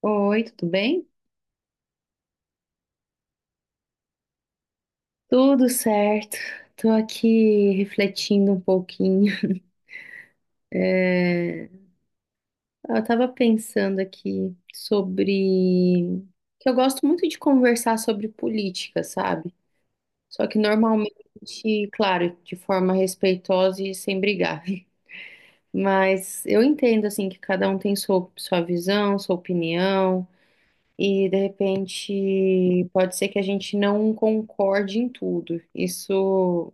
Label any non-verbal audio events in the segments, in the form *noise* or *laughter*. Oi, tudo bem? Tudo certo. Tô aqui refletindo um pouquinho. *laughs* É, Eu tava pensando aqui sobre que eu gosto muito de conversar sobre política, sabe? Só que normalmente, claro, de forma respeitosa e sem brigar. *laughs* Mas eu entendo assim que cada um tem sua visão, sua opinião. E de repente pode ser que a gente não concorde em tudo. Isso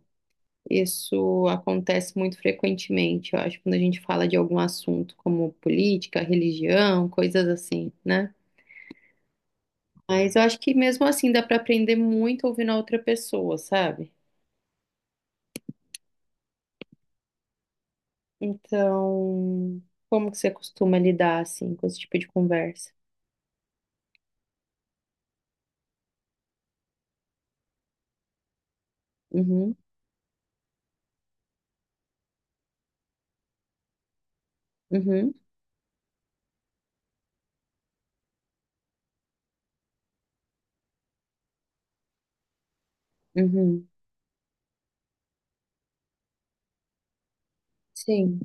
Isso acontece muito frequentemente, eu acho, quando a gente fala de algum assunto como política, religião, coisas assim, né? Mas eu acho que mesmo assim dá para aprender muito ouvindo a outra pessoa, sabe? Então, como que você costuma lidar assim com esse tipo de conversa? Uhum, uhum, uhum. Sim.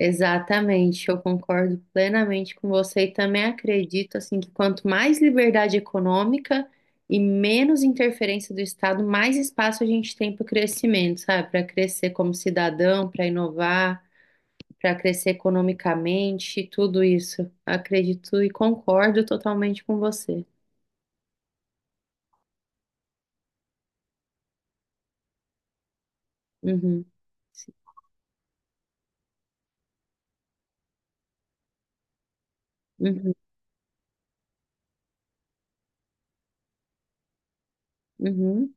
Exatamente, eu concordo plenamente com você e também acredito assim que quanto mais liberdade econômica e menos interferência do Estado, mais espaço a gente tem para o crescimento, sabe? Para crescer como cidadão, para inovar, para crescer economicamente, tudo isso. Acredito e concordo totalmente com você. Uhum, uhum, uhum.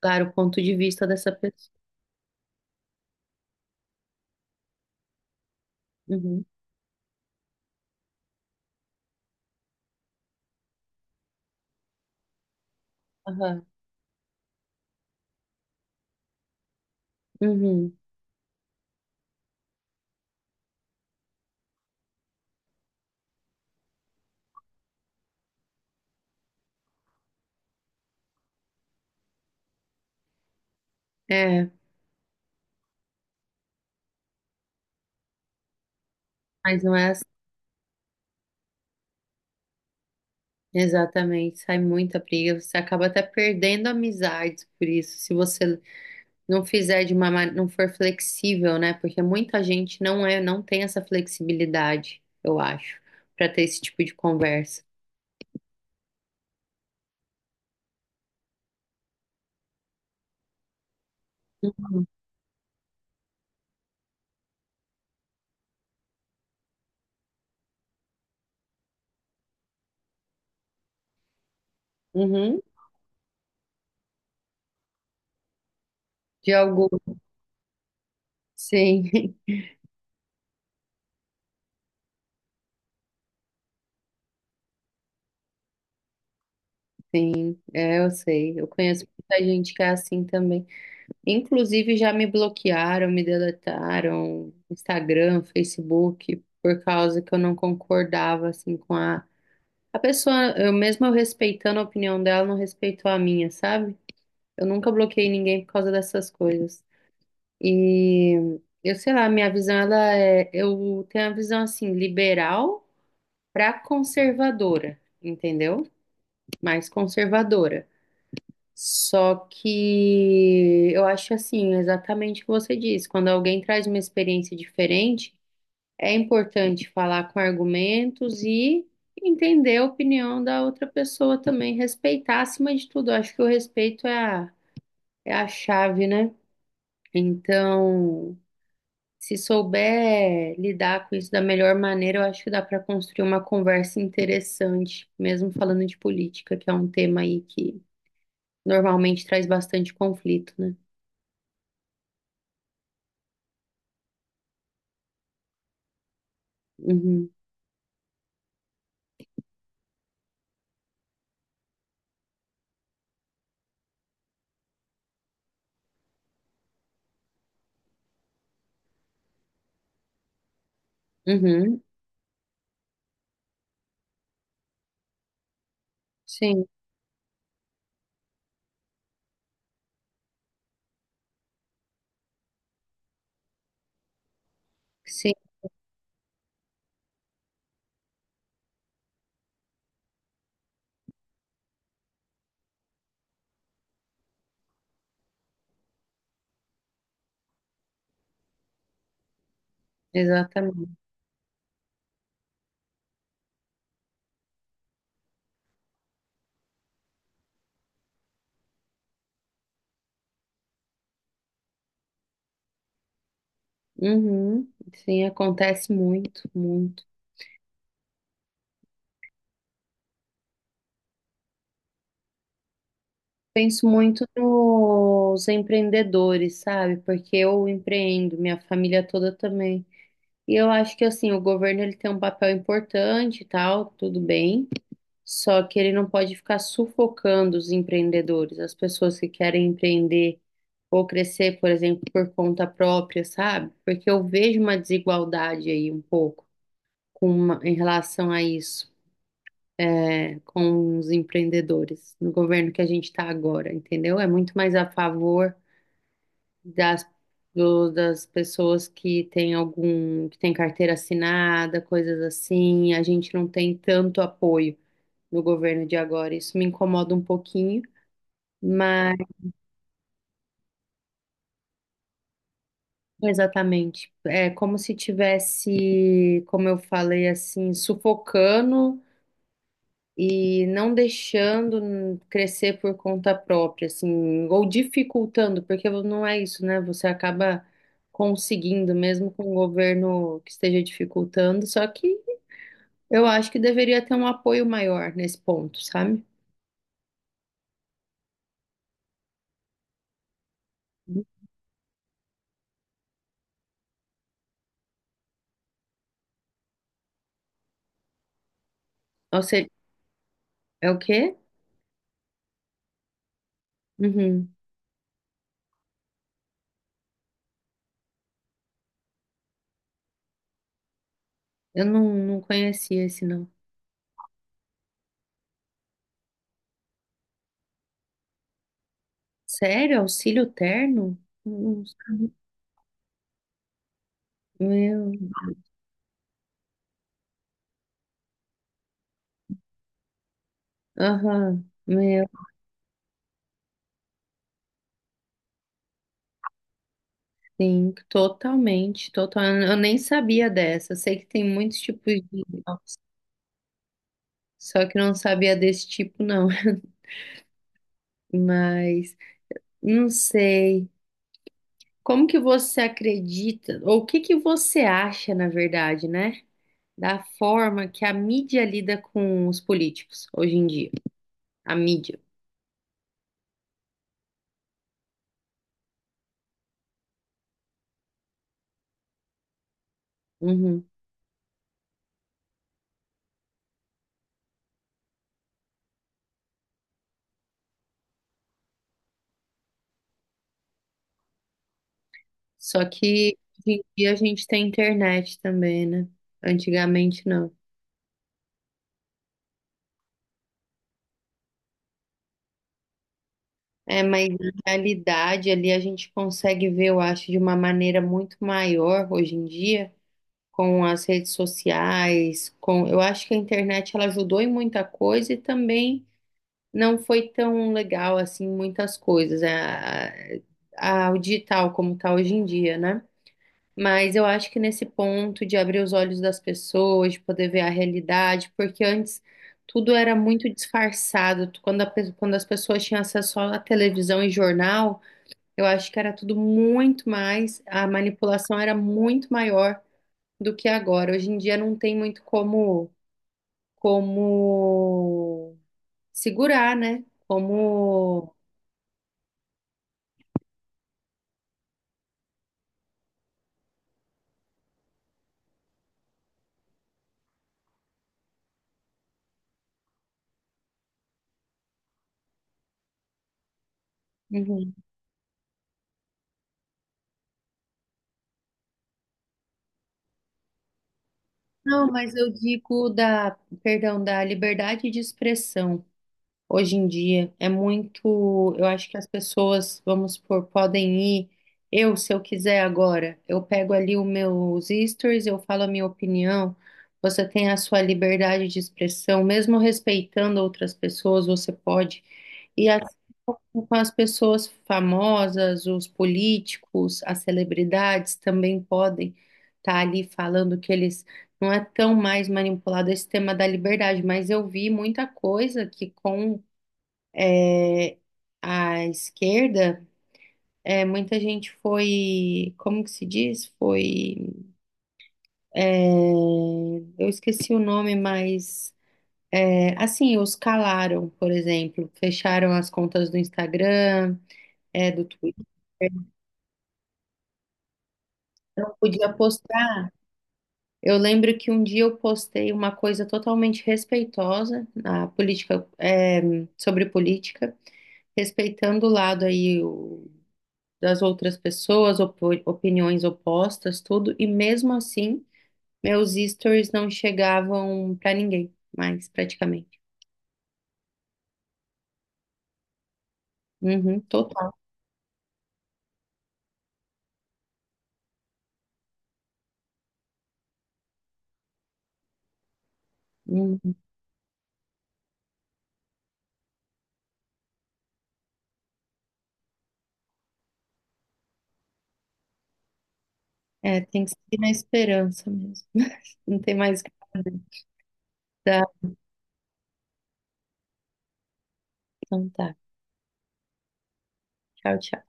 Claro, o ponto de vista dessa pessoa. Uhum, aham, uhum. É, mas não é assim. Exatamente, sai muita briga, você acaba até perdendo amizades por isso, se você não fizer de uma, não for flexível, né? Porque muita gente não é, não tem essa flexibilidade, eu acho, para ter esse tipo de conversa. Uhum, de algum, sim, *laughs* sim, é, eu sei, eu conheço muita gente que é assim também. Inclusive já me bloquearam, me deletaram, Instagram, Facebook, por causa que eu não concordava assim com a pessoa, eu mesmo eu respeitando a opinião dela, não respeitou a minha, sabe? Eu nunca bloqueei ninguém por causa dessas coisas. E eu sei lá, minha visão ela é, eu tenho a visão assim, liberal pra conservadora, entendeu? Mais conservadora. Só que eu acho assim, exatamente o que você disse, quando alguém traz uma experiência diferente, é importante falar com argumentos e entender a opinião da outra pessoa também, respeitar acima de tudo. Eu acho que o respeito é a chave, né? Então, se souber lidar com isso da melhor maneira, eu acho que dá para construir uma conversa interessante, mesmo falando de política, que é um tema aí que normalmente traz bastante conflito, né? Uhum, uhum, sim, sim, exatamente. Uhum, sim, acontece muito. Penso muito nos empreendedores, sabe? Porque eu empreendo, minha família toda também. E eu acho que assim, o governo ele tem um papel importante e tal, tudo bem. Só que ele não pode ficar sufocando os empreendedores, as pessoas que querem empreender ou crescer, por exemplo, por conta própria, sabe? Porque eu vejo uma desigualdade aí um pouco com em relação a isso é, com os empreendedores no governo que a gente está agora, entendeu? É muito mais a favor das, das pessoas que têm algum, que tem carteira assinada, coisas assim. A gente não tem tanto apoio no governo de agora. Isso me incomoda um pouquinho, mas exatamente. É como se tivesse, como eu falei assim, sufocando e não deixando crescer por conta própria, assim, ou dificultando, porque não é isso, né? Você acaba conseguindo, mesmo com o governo que esteja dificultando, só que eu acho que deveria ter um apoio maior nesse ponto, sabe? Ou seja, é o quê? Uhum. Eu não, não conhecia esse, não. Sério? Auxílio terno? Não sabia. Meu, aham, meu. Sim, totalmente, total. Eu nem sabia dessa. Eu sei que tem muitos tipos de inox, só que eu não sabia desse tipo, não. *laughs* Mas não sei. Como que você acredita, ou o que que você acha, na verdade, né? Da forma que a mídia lida com os políticos hoje em dia. A mídia. Uhum. Só que hoje em dia a gente tem internet também, né? Antigamente não. É, mas na realidade ali a gente consegue ver, eu acho, de uma maneira muito maior hoje em dia, com as redes sociais, com, eu acho que a internet ela ajudou em muita coisa e também não foi tão legal assim muitas coisas, o digital como tá hoje em dia, né? Mas eu acho que nesse ponto de abrir os olhos das pessoas, de poder ver a realidade, porque antes tudo era muito disfarçado. Quando, quando as pessoas tinham acesso só à televisão e jornal, eu acho que era tudo muito mais, a manipulação era muito maior do que agora. Hoje em dia não tem muito como, como segurar, né? Como. Uhum. Não, mas eu digo da, perdão, da liberdade de expressão hoje em dia. É muito. Eu acho que as pessoas, vamos supor, podem ir. Eu, se eu quiser agora, eu pego ali os meus stories, eu falo a minha opinião. Você tem a sua liberdade de expressão, mesmo respeitando outras pessoas, você pode. E assim com as pessoas famosas, os políticos, as celebridades também podem estar ali falando que eles não é tão mais manipulado esse tema da liberdade, mas eu vi muita coisa que com a esquerda, é, muita gente foi, como que se diz? Foi, é, eu esqueci o nome, mas é, assim, os calaram, por exemplo, fecharam as contas do Instagram, é, do Twitter, não podia postar. Eu lembro que um dia eu postei uma coisa totalmente respeitosa na política, é, sobre política, respeitando o lado aí das outras pessoas, opiniões opostas, tudo, e mesmo assim, meus stories não chegavam pra ninguém mais, praticamente. Uhum, total. Uhum. É, tem que seguir na esperança mesmo. *laughs* Não tem mais o que fazer. Tá, então tá. Tchau, tchau.